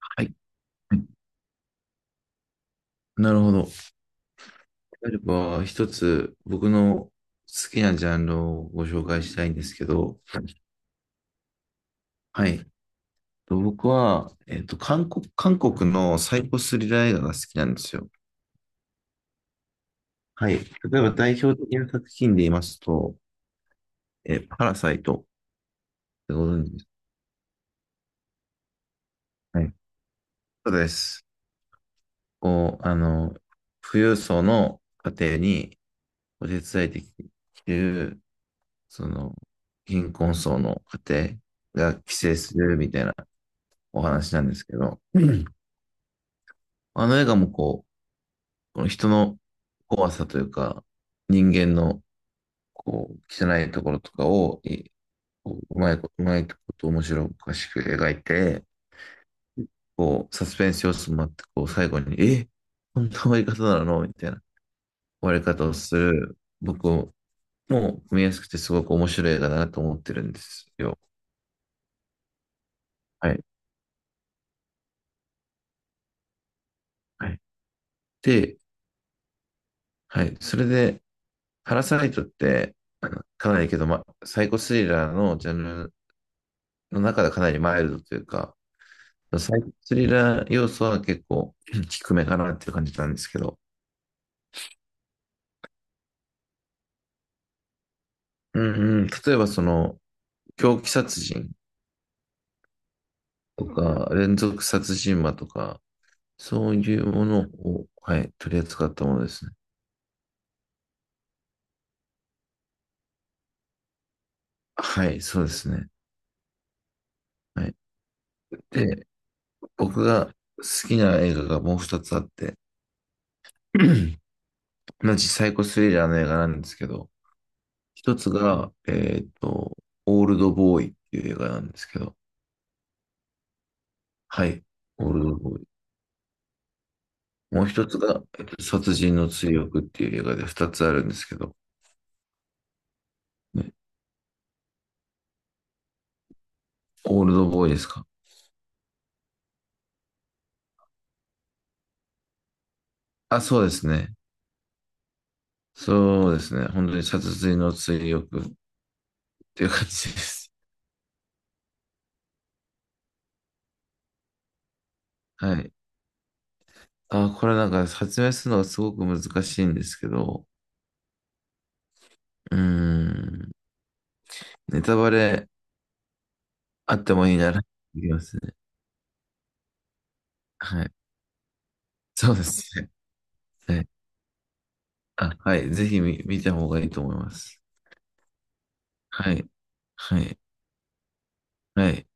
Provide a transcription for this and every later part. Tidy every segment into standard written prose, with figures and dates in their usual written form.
はい。うん。なるほど。であれば、一つ僕の好きなジャンルをご紹介したいんですけど、はい。と僕は、韓国のサイコスリラー映画が好きなんですよ。はい。例えば代表的な作品で言いますと、パラサイトってご存知ですか？はい。そうです。こう、あの、富裕層の家庭にお手伝いできる、その、貧困層の家庭が寄生するみたいなお話なんですけど、あの映画もこの人の怖さというか、人間の汚いところとかをうまいこと、うまいこと面白おかしく描いて、サスペンス要素もあって、最後に、こんな終わり方なのみたいな終わり方をする、僕も見やすくてすごく面白い映画だなと思ってるんですよ。はい。はい。で、はい。それで、パラサイトって、かなりけど、サイコスリラーのジャンルの中ではかなりマイルドというか、サイコスリラー要素は結構 低めかなっていう感じなんですけど、うんうん、例えば狂気殺人とか、連続殺人魔とか、そういうものを、はい、取り扱ったものですね。はい、そうですね。はい。で、僕が好きな映画がもう二つあって、同じサイコスリラーの映画なんですけど、一つが、オールドボーイっていう映画なんですけど、はい、オールドボーイ。もう一つが、殺人の追憶っていう映画で二つあるんですけど、ね、オールドボーイですか？あ、そうですね。そうですね。本当に殺人の追憶っていう感じです。はい。あ、これなんか説明するのがすごく難しいんですけど、うーん、ネタバレあってもいいなら、いきますね。はい。そうですね。はい。あ、はい。ぜひ見た方がいいと思います。はい。はい。はい。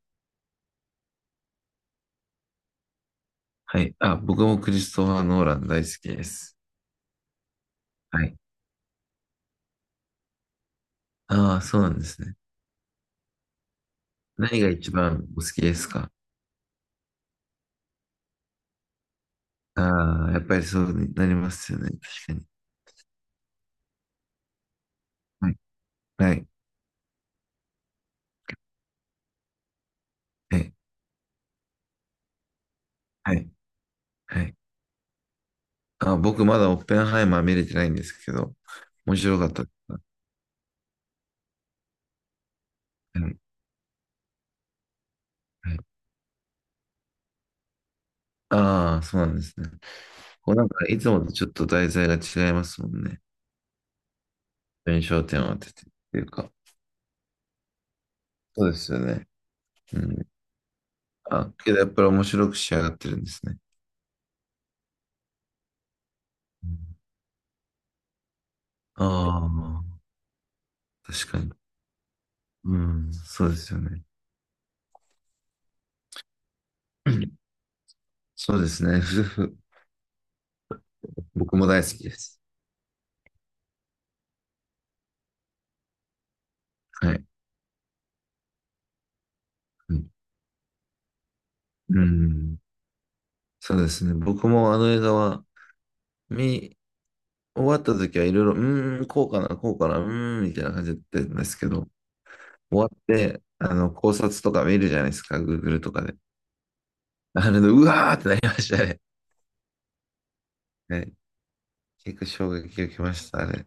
はい。あ、僕もクリストファー・ノーラン大好きです。はい。ああ、そうなんですね。何が一番お好きですか？ああ、やっぱりそうになりますよね。確かに。はい。はい。はい。はい。あ、僕まだオッペンハイマー見れてないんですけど、面白かったですか？はい。はい。ああ、そうなんですね。いつもとちょっと題材が違いますもんね。印象点を当ててっていうか。そうですよね。うん。あ、けどやっぱり面白く仕上がってるんですね。ああ、確かに。うん、そうですよね。そうですね。ふふ。僕も大好きです。はい。うん、うん、そうですね。僕もあの映画は、見終わった時はいろいろ、うーん、こうかな、こうかな、うーん、みたいな感じだったんですけど、終わって、考察とか見るじゃないですか、Google とかで。あれで、うわーってなりましたね。ね、結構衝撃を受けました、あれ。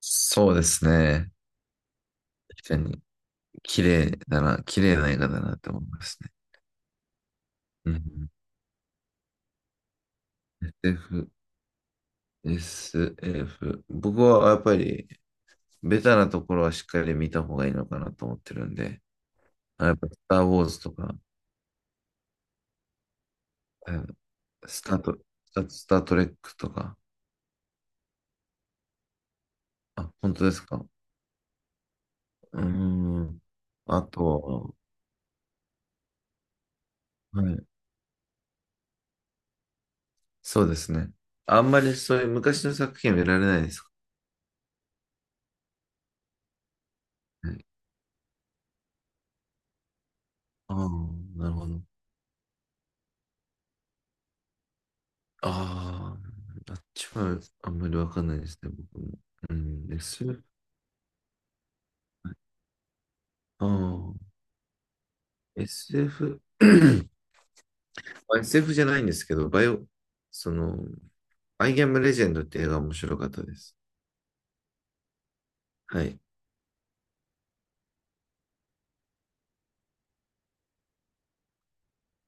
そうですね。確かに。綺麗だな、綺麗な映画だなって思いますね。うん。SF、SF。僕はやっぱり、ベタなところはしっかり見た方がいいのかなと思ってるんで、あ、やっぱ、スター・ウォーズとか、えースタート、スター・トレックとか、あ、本当ですか？うーん。あとは、はい、そうですね。あんまりそういう昔の作品見られないですかね。ああ、なるほど。ああ、あっちはあんまりわかんないですね、僕も。うん、SF、ああ、SF、まあ SF じゃないんですけど、バイオ、その、アイ・アム・レジェンドって映画面白かったです。はい。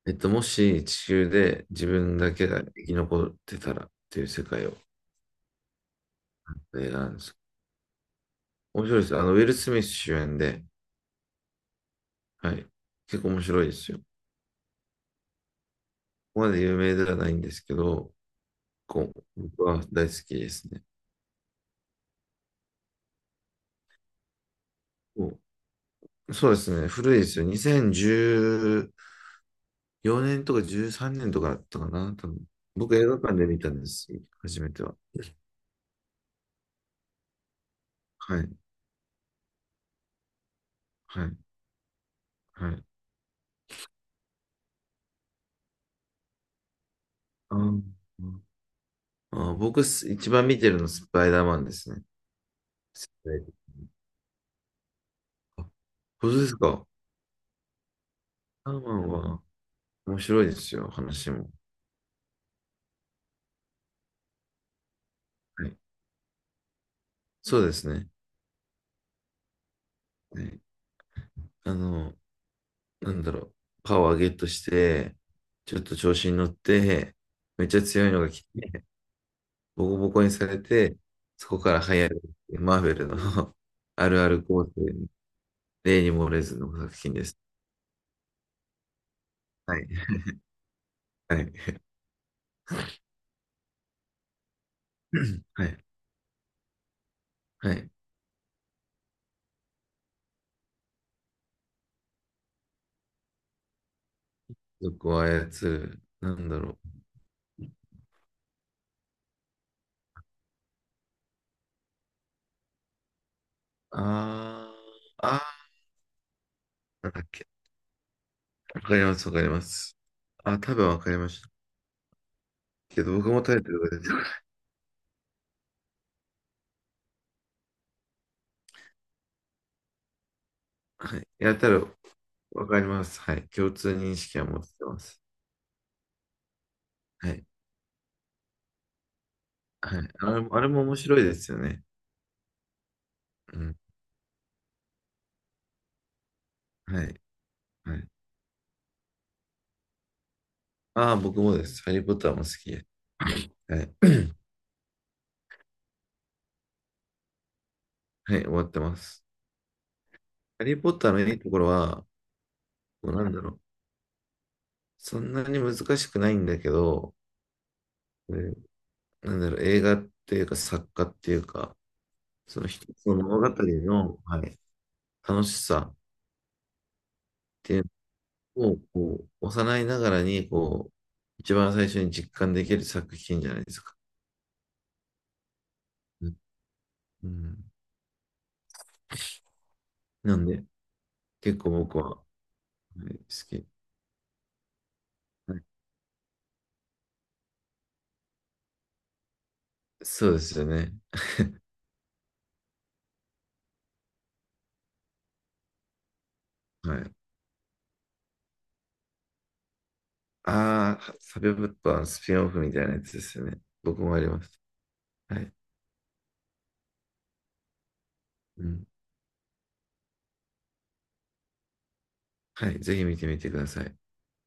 もし地球で自分だけが生き残ってたらっていう世界を映画なんです。面白いです。ウィル・スミス主演で、はい。結構面白いですよ。ここまで有名ではないんですけど、僕は大好きですね。そうですね。古いですよ。2014年とか13年とかだったかな。多分僕映画館で見たんです。初めては。はい。はい。はい。あー僕一番見てるのスパイダーマンですね。はい。あ、本当ですか？スパイダーマンは面白いですよ。話も。はい。そうですね。はい。あの、なんだろう。パワーゲットして、ちょっと調子に乗って、めっちゃ強いのが来て、ボコボコにされて、そこから流行る、マーベルの あるある構成、例に漏れずの作品です。はい。はい。はい。はい。族を操る。なんだろう。あー、あなんだっけ。わかります、わかります。あ、多分わかりました。けど、僕もタイトルが出てこない。はい。いや、多分わかります。はい。共通認識は持ってます。はい。はい。あれも、あれも面白いですよね。うん。はい。はい。ああ、僕もです。ハリー・ポッターも好きです。はい。はい、終わってます。ハリー・ポッターのいいところは、もうなんだろう。そんなに難しくないんだけど、えーなんだろう、映画っていうか作家っていうか、その一つの物語の、はい、楽しさっていうのを、幼いながらに、一番最初に実感できる作品じゃないですか。うん。うん。なんで、結構僕は、はい、好き。はい、そうですよね。はい。ああ、サブオブットはスピンオフみたいなやつですよね。僕もあります。はい。うん。はい。ぜひ見てみてください。